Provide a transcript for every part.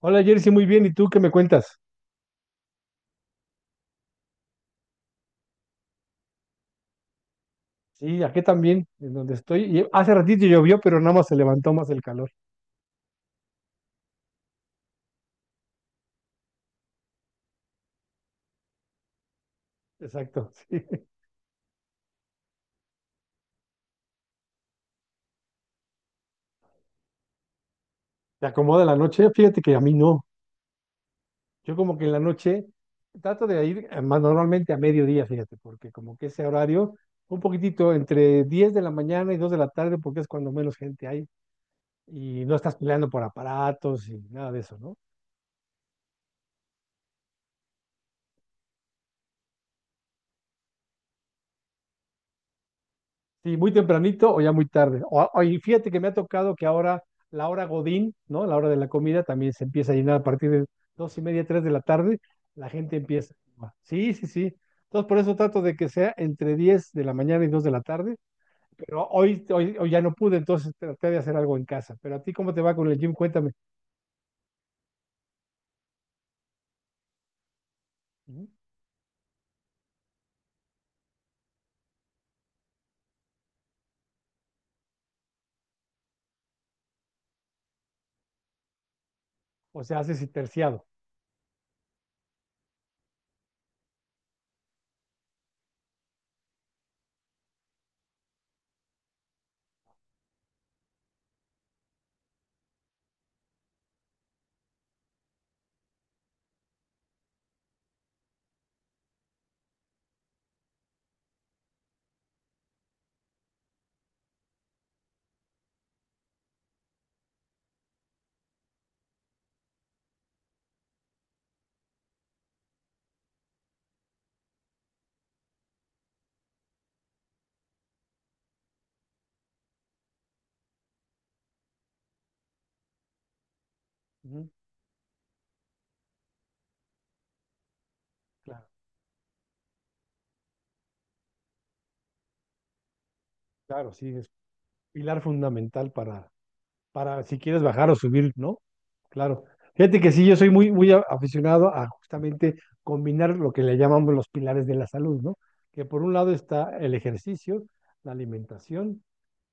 Hola Jersey, muy bien. ¿Y tú qué me cuentas? Sí, aquí también, en donde estoy. Y hace ratito llovió, pero nada más se levantó más el calor. Exacto, sí. ¿Te acomoda la noche? Fíjate que a mí no. Yo como que en la noche trato de ir más normalmente a mediodía, fíjate, porque como que ese horario, un poquitito entre 10 de la mañana y 2 de la tarde, porque es cuando menos gente hay y no estás peleando por aparatos y nada de eso, ¿no? Sí, muy tempranito o ya muy tarde. Y fíjate que me ha tocado que ahora la hora Godín, ¿no? La hora de la comida también se empieza a llenar a partir de 2:30, 3 de la tarde, la gente empieza. Sí, sí, sí. Entonces por eso trato de que sea entre 10 de la mañana y 2 de la tarde, pero hoy ya no pude, entonces traté de hacer algo en casa. Pero a ti, ¿cómo te va con el gym? Cuéntame. Ujú. O sea, haces y terciado. Ujú. Claro, claro, sí, es pilar fundamental para si quieres bajar o subir, ¿no? Claro. Fíjate que sí, yo soy muy, muy aficionado a justamente combinar lo que le llamamos los pilares de la salud, ¿no? Que por un lado está el ejercicio, la alimentación,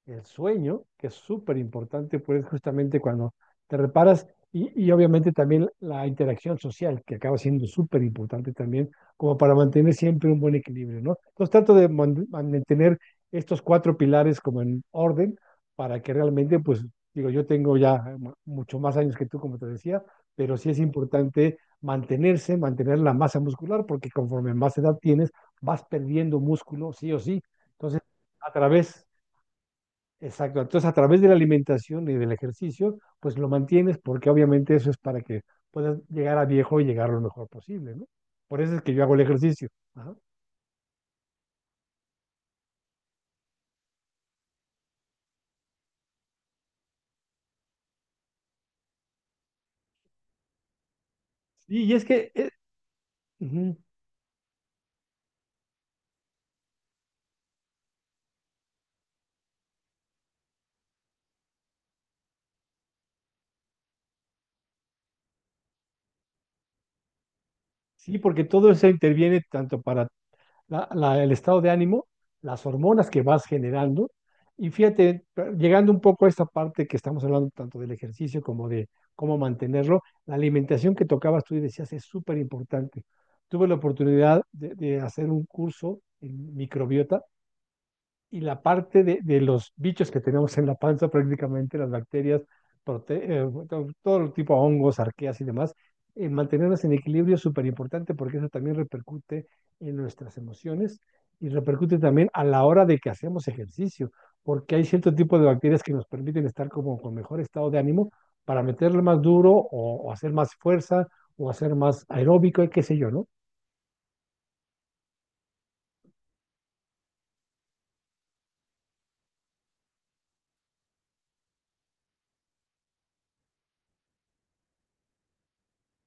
el sueño, que es súper importante, pues justamente cuando te reparas, y obviamente también la interacción social, que acaba siendo súper importante también, como para mantener siempre un buen equilibrio, ¿no? Entonces trato de mantener estos cuatro pilares como en orden para que realmente, pues, digo, yo tengo ya mucho más años que tú, como te decía, pero sí es importante mantenerse, mantener la masa muscular, porque conforme más edad tienes, vas perdiendo músculo, sí o sí. Entonces, a través Exacto. Entonces, a través de la alimentación y del ejercicio, pues lo mantienes porque obviamente eso es para que puedas llegar a viejo y llegar lo mejor posible, ¿no? Por eso es que yo hago el ejercicio. Ajá. Sí, y es que, ujú. Sí, porque todo eso interviene tanto para el estado de ánimo, las hormonas que vas generando. Y fíjate, llegando un poco a esta parte que estamos hablando tanto del ejercicio como de cómo mantenerlo, la alimentación que tocabas tú y decías es súper importante. Tuve la oportunidad de hacer un curso en microbiota y la parte de los bichos que tenemos en la panza, prácticamente las bacterias, todo, tipo de hongos, arqueas y demás, mantenerlas en equilibrio es súper importante porque eso también repercute en nuestras emociones y repercute también a la hora de que hacemos ejercicio, porque hay cierto tipo de bacterias que nos permiten estar como con mejor estado de ánimo para meterle más duro o hacer más fuerza o hacer más aeróbico y qué sé yo, ¿no?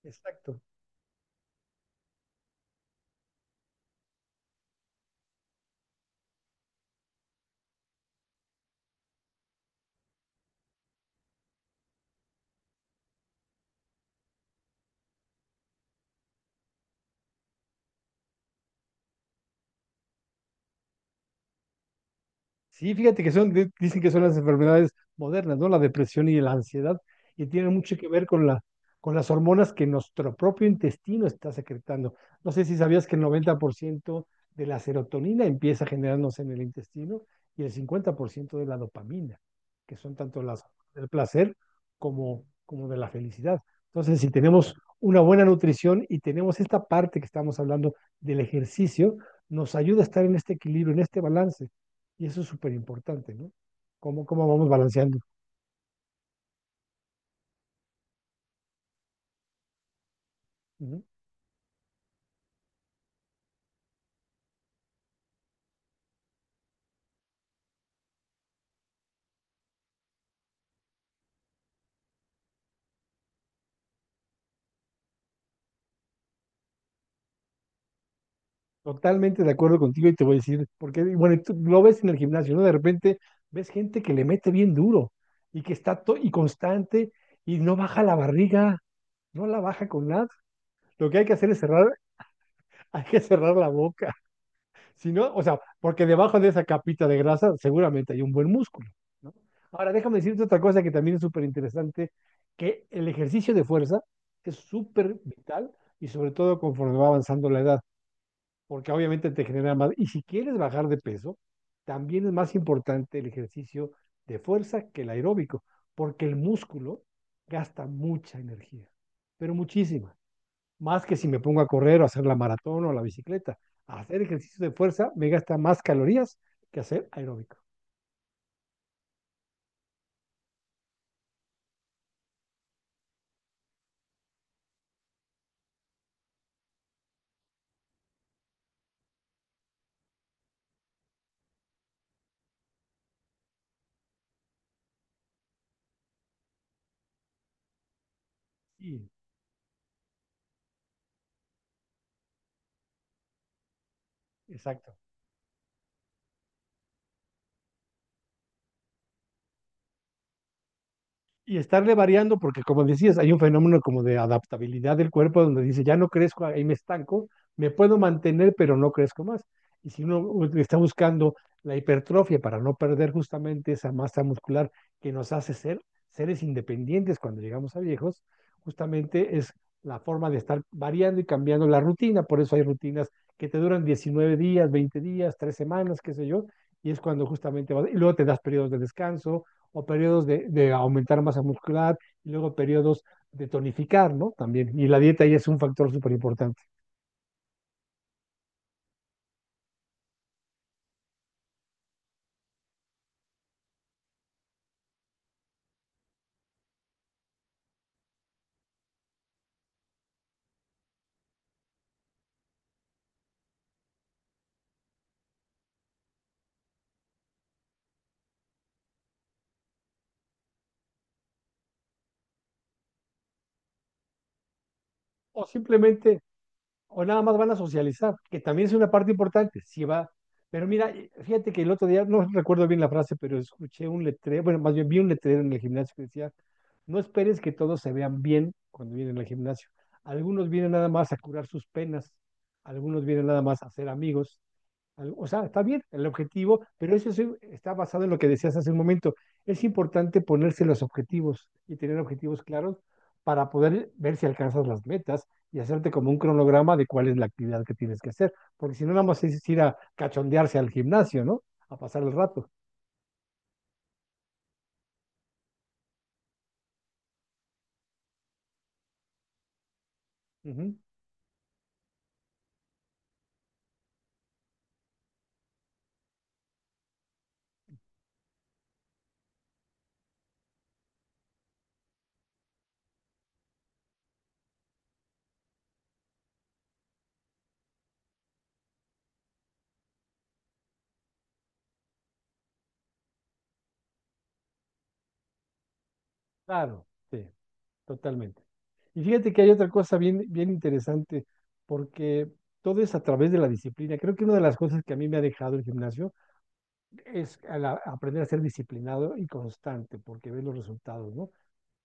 Exacto. Sí, fíjate que dicen que son las enfermedades modernas, ¿no? La depresión y la ansiedad, y tienen mucho que ver con las hormonas que nuestro propio intestino está secretando. No sé si sabías que el 90% de la serotonina empieza a generándose en el intestino y el 50% de la dopamina, que son tanto las del placer como de la felicidad. Entonces, si tenemos una buena nutrición y tenemos esta parte que estamos hablando del ejercicio, nos ayuda a estar en este equilibrio, en este balance y eso es súper importante, ¿no? ¿Cómo vamos balanceando? Ujú. Totalmente de acuerdo contigo y te voy a decir, porque, y bueno, y tú lo ves en el gimnasio, ¿no? De repente ves gente que le mete bien duro y que está y constante y no baja la barriga, no la baja con nada. Lo que hay que hacer es cerrar, hay que cerrar la boca. Si no, o sea, porque debajo de esa capita de grasa seguramente hay un buen músculo, ¿no? Ahora, déjame decirte otra cosa que también es súper interesante, que el ejercicio de fuerza es súper vital y sobre todo conforme va avanzando la edad, porque obviamente te genera más. Y si quieres bajar de peso, también es más importante el ejercicio de fuerza que el aeróbico, porque el músculo gasta mucha energía, pero muchísima más que si me pongo a correr o a hacer la maratón o la bicicleta. Hacer ejercicio de fuerza me gasta más calorías que hacer aeróbico. Sí, exacto. Y estarle variando, porque como decías, hay un fenómeno como de adaptabilidad del cuerpo donde dice, ya no crezco, ahí me estanco, me puedo mantener, pero no crezco más. Y si uno está buscando la hipertrofia para no perder justamente esa masa muscular que nos hace ser seres independientes cuando llegamos a viejos, justamente es la forma de estar variando y cambiando la rutina. Por eso hay rutinas que te duran 19 días, 20 días, 3 semanas, qué sé yo, y es cuando justamente vas, y luego te das periodos de descanso, o periodos de aumentar masa muscular y luego periodos de tonificar, ¿no? También. Y la dieta ya es un factor súper importante. O simplemente, o nada más van a socializar, que también es una parte importante. Si va, pero mira, fíjate que el otro día, no recuerdo bien la frase, pero escuché un letrero, bueno, más bien vi un letrero en el gimnasio que decía, no esperes que todos se vean bien cuando vienen al gimnasio. Algunos vienen nada más a curar sus penas, algunos vienen nada más a ser amigos. O sea, está bien el objetivo, pero eso sí está basado en lo que decías hace un momento. Es importante ponerse los objetivos y tener objetivos claros para poder ver si alcanzas las metas y hacerte como un cronograma de cuál es la actividad que tienes que hacer, porque si no, nada más es ir a cachondearse al gimnasio, ¿no? A pasar el rato. Ujú. Claro, sí, totalmente. Y fíjate que hay otra cosa bien, bien interesante, porque todo es a través de la disciplina. Creo que una de las cosas que a mí me ha dejado el gimnasio es aprender a ser disciplinado y constante, porque ves los resultados, ¿no?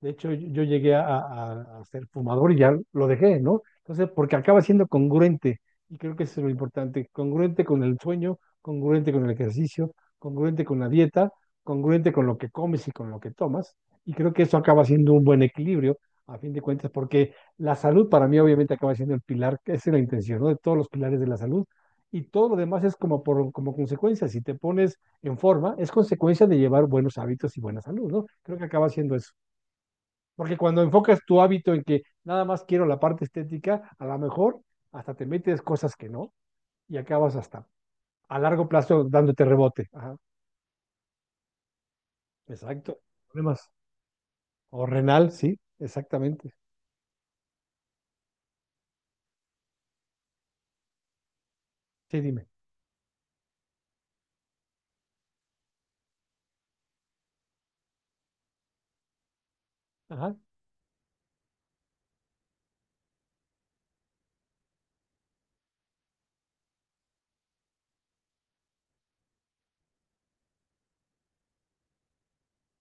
De hecho, yo llegué a ser fumador y ya lo dejé, ¿no? Entonces, porque acaba siendo congruente, y creo que eso es lo importante, congruente con el sueño, congruente con el ejercicio, congruente con la dieta, congruente con lo que comes y con lo que tomas, y creo que eso acaba siendo un buen equilibrio, a fin de cuentas, porque la salud para mí obviamente acaba siendo el pilar, que esa es la intención, ¿no? De todos los pilares de la salud, y todo lo demás es como, como consecuencia, si te pones en forma, es consecuencia de llevar buenos hábitos y buena salud, ¿no? Creo que acaba siendo eso. Porque cuando enfocas tu hábito en que nada más quiero la parte estética, a lo mejor hasta te metes cosas que no y acabas hasta a largo plazo dándote rebote. Ajá, exacto. Problemas. O renal, sí, exactamente. Sí, dime. Ajá.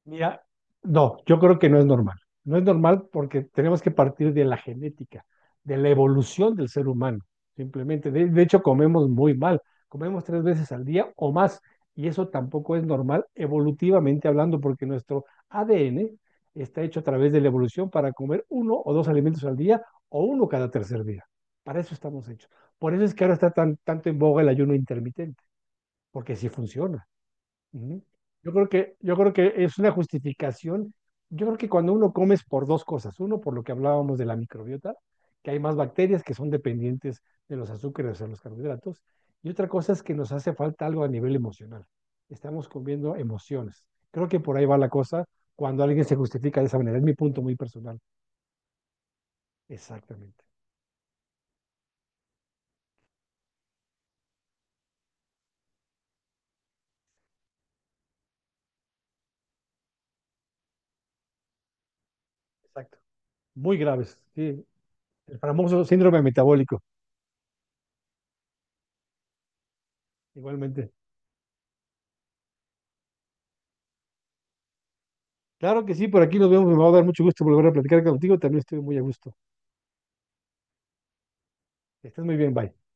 Mira, no, yo creo que no es normal. No es normal porque tenemos que partir de la genética, de la evolución del ser humano, simplemente. De hecho, comemos muy mal, comemos 3 veces al día o más, y eso tampoco es normal evolutivamente hablando porque nuestro ADN está hecho a través de la evolución para comer uno o dos alimentos al día o uno cada tercer día. Para eso estamos hechos. Por eso es que ahora está tanto en boga el ayuno intermitente, porque sí funciona. Ujú. Yo creo que es una justificación. Yo creo que cuando uno come es por dos cosas. Uno, por lo que hablábamos de la microbiota, que hay más bacterias que son dependientes de los azúcares o los carbohidratos. Y otra cosa es que nos hace falta algo a nivel emocional. Estamos comiendo emociones. Creo que por ahí va la cosa cuando alguien se justifica de esa manera. Es mi punto muy personal. Exactamente. Exacto. Muy graves. Sí. El famoso síndrome metabólico. Igualmente. Claro que sí, por aquí nos vemos. Me va a dar mucho gusto volver a platicar contigo. También estoy muy a gusto. Que estés muy bien, bye.